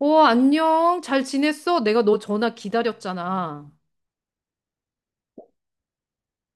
어, 안녕. 잘 지냈어? 내가 너 전화 기다렸잖아.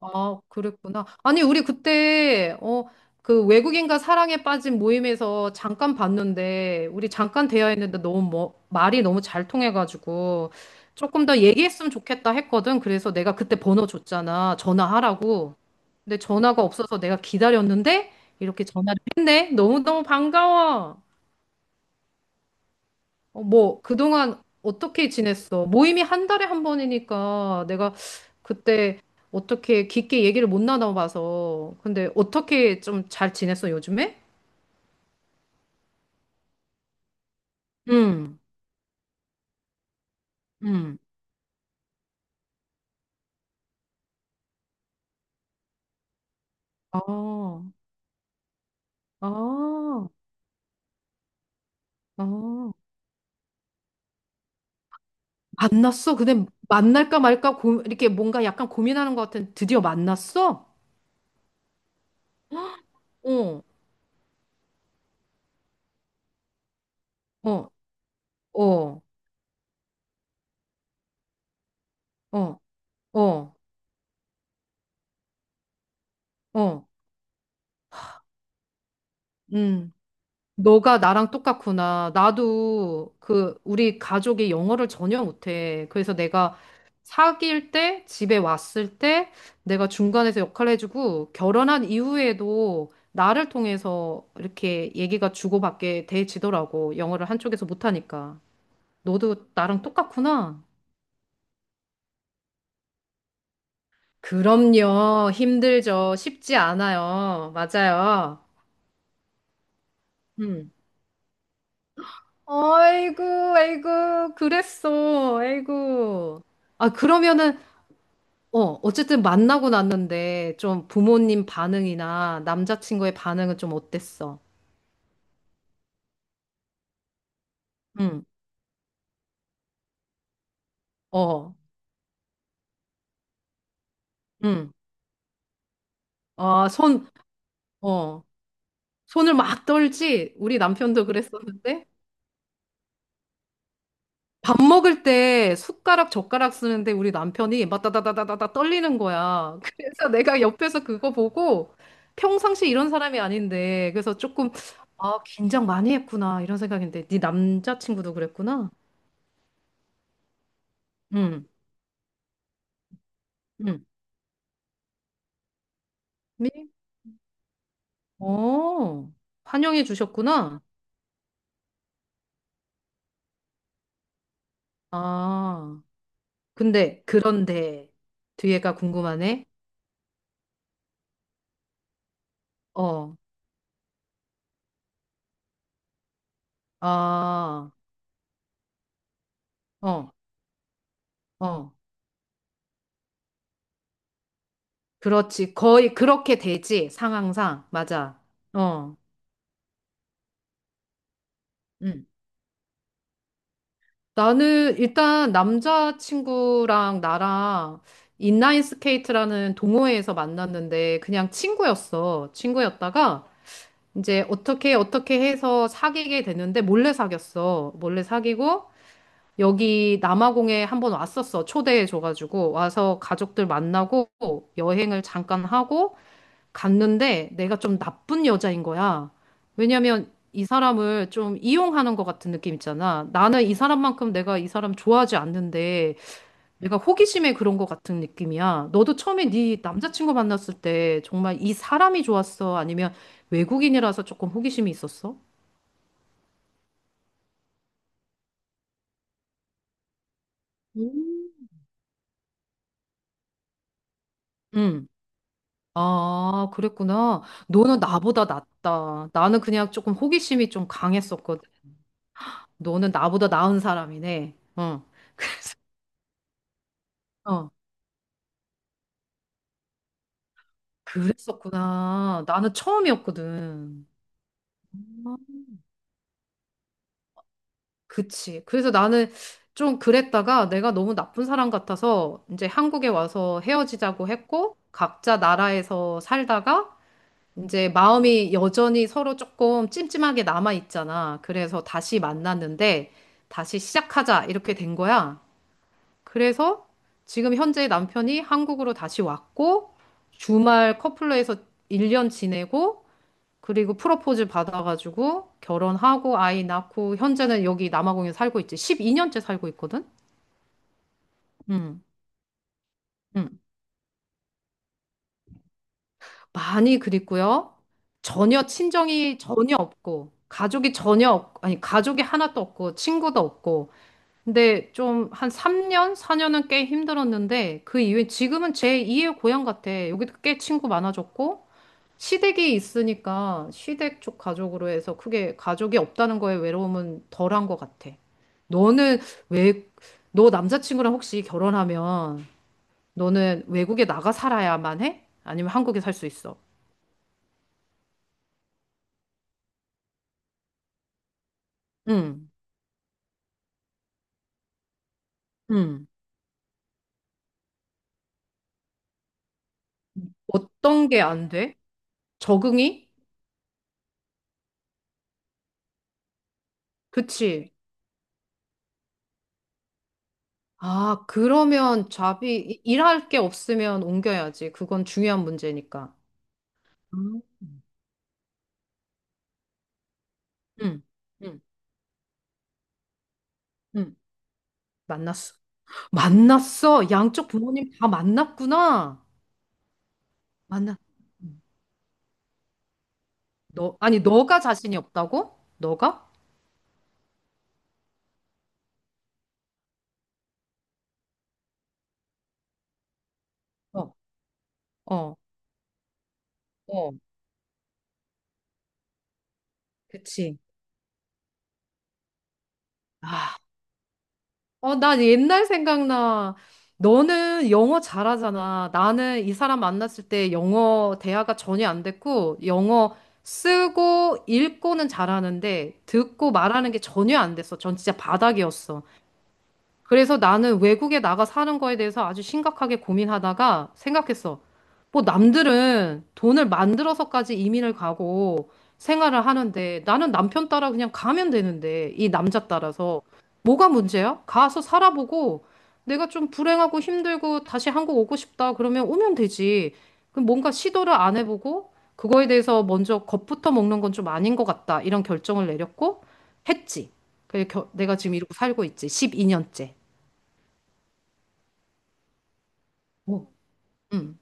아, 그랬구나. 아니, 우리 그때, 그 외국인과 사랑에 빠진 모임에서 잠깐 봤는데, 우리 잠깐 대화했는데 너무 뭐, 말이 너무 잘 통해가지고, 조금 더 얘기했으면 좋겠다 했거든. 그래서 내가 그때 번호 줬잖아. 전화하라고. 근데 전화가 없어서 내가 기다렸는데, 이렇게 전화를 했네. 너무너무 반가워. 어, 뭐, 그동안 어떻게 지냈어? 모임이 한 달에 한 번이니까 내가 그때 어떻게 깊게 얘기를 못 나눠봐서. 근데 어떻게 좀 잘 지냈어, 요즘에? 응, 응. 아, 아, 아. 만났어? 근데 만날까 말까 고, 이렇게 뭔가 약간 고민하는 것 같은 드디어 만났어? 어, 어, 어, 어, 어, 어, 음. 너가 나랑 똑같구나. 나도 그 우리 가족이 영어를 전혀 못해. 그래서 내가 사귈 때, 집에 왔을 때 내가 중간에서 역할을 해주고 결혼한 이후에도 나를 통해서 이렇게 얘기가 주고받게 돼지더라고. 영어를 한쪽에서 못하니까. 너도 나랑 똑같구나. 그럼요. 힘들죠. 쉽지 않아요. 맞아요. 음. 아이고, 아이고, 그랬어. 아이고. 아, 그러면은, 어, 어쨌든 만나고 났는데, 좀 부모님 반응이나 남자친구의 반응은 좀 어땠어? 응, 어, 응. 아, 어, 손을 막 떨지? 우리 남편도 그랬었는데? 밥 먹을 때 숟가락, 젓가락 쓰는데 우리 남편이 막 따다다다다다 떨리는 거야. 그래서 내가 옆에서 그거 보고 평상시 이런 사람이 아닌데 그래서 조금 아, 긴장 많이 했구나 이런 생각인데 네 남자친구도 그랬구나. 응, 응. 미? 어, 환영해 주셨구나. 아, 근데 그런데 뒤에가 궁금하네. 어, 아, 어, 어. 그렇지. 거의 그렇게 되지, 상황상. 맞아. 어. 응. 나는 일단 남자친구랑 나랑 인라인 스케이트라는 동호회에서 만났는데 그냥 친구였어. 친구였다가 이제 어떻게 어떻게 해서 사귀게 됐는데 몰래 사귀었어. 몰래 사귀고 여기 남아공에 한번 왔었어. 초대해 줘가지고 와서 가족들 만나고 여행을 잠깐 하고 갔는데 내가 좀 나쁜 여자인 거야. 왜냐면 이 사람을 좀 이용하는 것 같은 느낌 있잖아. 나는 이 사람만큼 내가 이 사람 좋아하지 않는데 내가 호기심에 그런 것 같은 느낌이야. 너도 처음에 네 남자친구 만났을 때 정말 이 사람이 좋았어? 아니면 외국인이라서 조금 호기심이 있었어? 음. 응. 아, 그랬구나. 너는 나보다 낫다. 나는 그냥 조금 호기심이 좀 강했었거든. 너는 나보다 나은 사람이네. 응. 어. 그랬었구나. 나는 처음이었거든. 아, 그치. 그래서 나는 좀 그랬다가 내가 너무 나쁜 사람 같아서 이제 한국에 와서 헤어지자고 했고, 각자 나라에서 살다가 이제 마음이 여전히 서로 조금 찜찜하게 남아있잖아. 그래서 다시 만났는데, 다시 시작하자. 이렇게 된 거야. 그래서 지금 현재 남편이 한국으로 다시 왔고, 주말 커플로에서 1년 지내고, 그리고 프로포즈 받아가지고 결혼하고 아이 낳고 현재는 여기 남아공에 살고 있지. 12년째 살고 있거든. 음, 음. 많이 그립고요. 전혀 친정이 전혀 없고 가족이 전혀 없, 아니 가족이 하나도 없고 친구도 없고. 근데 좀 한 3년, 4년은 꽤 힘들었는데 그 이후에 지금은 제 2의 고향 같아. 여기도 꽤 친구 많아졌고 시댁이 있으니까 시댁 쪽 가족으로 해서 크게 가족이 없다는 거에 외로움은 덜한 것 같아. 너는 왜, 너 남자친구랑 혹시 결혼하면 너는 외국에 나가 살아야만 해? 아니면 한국에 살 수 있어? 응, 응. 어떤 게 안 돼? 적응이? 그치. 아, 그러면 잡이, 이- 일할 게 없으면 옮겨야지. 그건 중요한 문제니까. 음. 응, 응, 응. 만났어. 만났어? 양쪽 부모님 다 만났구나. 만났. 음. 너 아니 너가 자신이 없다고? 너가? 어, 어, 어, 그치. 아, 어, 난 옛날 생각나. 너는 영어 잘하잖아. 나는 이 사람 만났을 때 영어 대화가 전혀 안 됐고 영어 쓰고 읽고는 잘하는데 듣고 말하는 게 전혀 안 됐어. 전 진짜 바닥이었어. 그래서 나는 외국에 나가 사는 거에 대해서 아주 심각하게 고민하다가 생각했어. 뭐 남들은 돈을 만들어서까지 이민을 가고 생활을 하는데 나는 남편 따라 그냥 가면 되는데 이 남자 따라서 뭐가 문제야? 가서 살아보고 내가 좀 불행하고 힘들고 다시 한국 오고 싶다 그러면 오면 되지. 그럼 뭔가 시도를 안 해보고 그거에 대해서 먼저 겁부터 먹는 건 좀 아닌 것 같다 이런 결정을 내렸고 했지. 그래서 내가 지금 이러고 살고 있지. 12년째. 어, 응,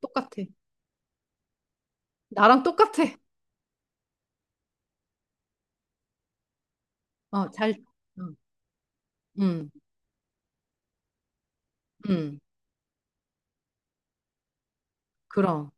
똑같아. 나랑 똑같아. 어, 응, 응, 응, 그럼.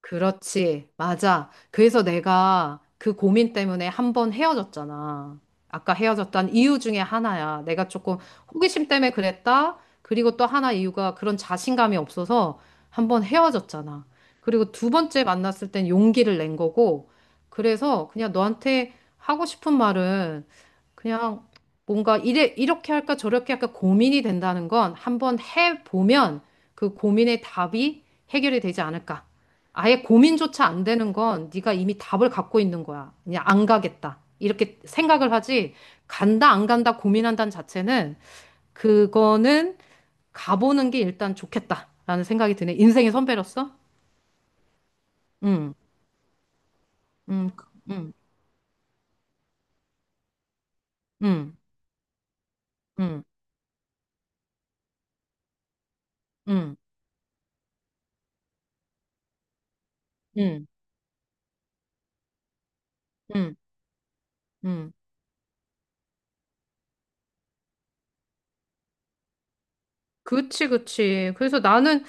그렇지. 맞아. 그래서 내가 그 고민 때문에 한번 헤어졌잖아. 아까 헤어졌던 이유 중에 하나야. 내가 조금 호기심 때문에 그랬다. 그리고 또 하나 이유가 그런 자신감이 없어서 한번 헤어졌잖아. 그리고 두 번째 만났을 땐 용기를 낸 거고. 그래서 그냥 너한테 하고 싶은 말은 그냥 뭔가 이렇게 할까 저렇게 할까 고민이 된다는 건 한번 해보면 그 고민의 답이 해결이 되지 않을까. 아예 고민조차 안 되는 건 네가 이미 답을 갖고 있는 거야. 그냥 안 가겠다. 이렇게 생각을 하지 간다 안 간다 고민한다는 자체는 그거는 가보는 게 일단 좋겠다라는 생각이 드네. 인생의 선배로서. 응, 응, 응, 응, 응, 응, 응, 응, 응. 그치, 그치. 그래서 나는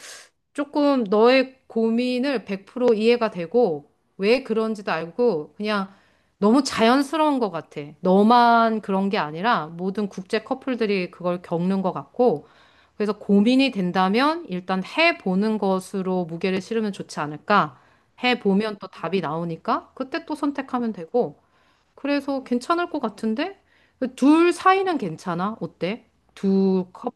조금 너의 고민을 100% 이해가 되고, 왜 그런지도 알고, 그냥 너무 자연스러운 것 같아. 너만 그런 게 아니라 모든 국제 커플들이 그걸 겪는 것 같고, 그래서 고민이 된다면 일단 해보는 것으로 무게를 실으면 좋지 않을까? 해보면 또 답이 나오니까 그때 또 선택하면 되고, 그래서 괜찮을 것 같은데? 둘 사이는 괜찮아? 어때?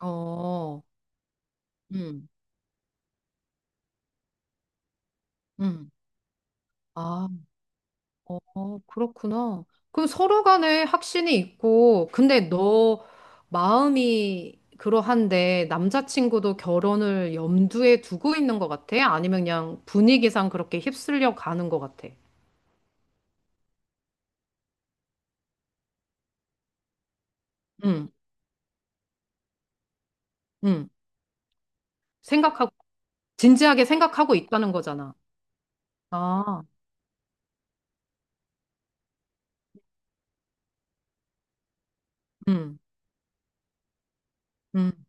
어, 음, 음. 아. 어, 그렇구나. 그럼 서로 간에 확신이 있고, 근데 너 마음이 그러한데 남자친구도 결혼을 염두에 두고 있는 것 같아? 아니면 그냥 분위기상 그렇게 휩쓸려 가는 것 같아? 응, 응. 생각하고, 진지하게 생각하고 있다는 거잖아. 아, 응, 응.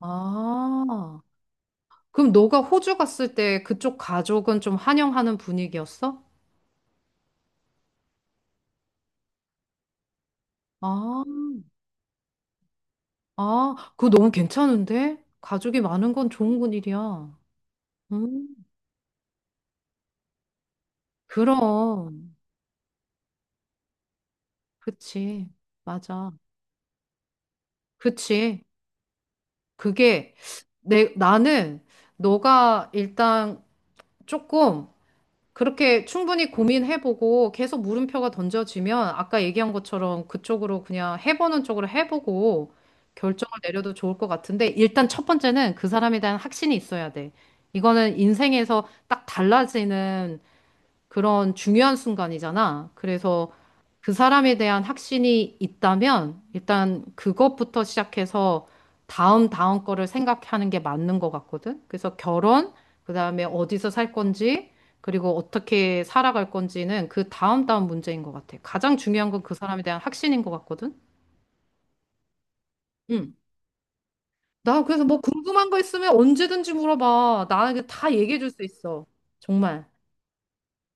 아, 그럼 너가 호주 갔을 때 그쪽 가족은 좀 환영하는 분위기였어? 아. 아, 그거 너무 괜찮은데? 가족이 많은 건 좋은 건 일이야. 음, 그럼. 그치. 맞아. 그치. 그게 나는 너가 일단 조금 그렇게 충분히 고민해보고 계속 물음표가 던져지면 아까 얘기한 것처럼 그쪽으로 그냥 해보는 쪽으로 해보고 결정을 내려도 좋을 것 같은데 일단 첫 번째는 그 사람에 대한 확신이 있어야 돼. 이거는 인생에서 딱 달라지는 그런 중요한 순간이잖아. 그래서 그 사람에 대한 확신이 있다면 일단 그것부터 시작해서 다음 다음 거를 생각하는 게 맞는 것 같거든. 그래서 결혼, 그다음에 어디서 살 건지, 그리고 어떻게 살아갈 건지는 그 다음 다음 문제인 것 같아. 가장 중요한 건 그 사람에 대한 확신인 것 같거든. 응. 나 그래서 뭐 궁금한 거 있으면 언제든지 물어봐. 나는 다 얘기해 줄 수 있어. 정말.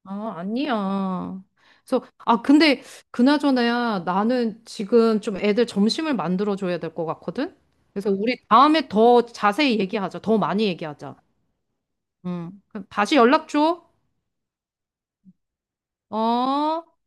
아, 아니야. 그래서, 아, 근데, 그나저나야, 나는 지금 좀 애들 점심을 만들어줘야 될 것 같거든? 그래서 우리 다음에 더 자세히 얘기하자. 더 많이 얘기하자. 응. 그럼 다시 연락 줘. 어?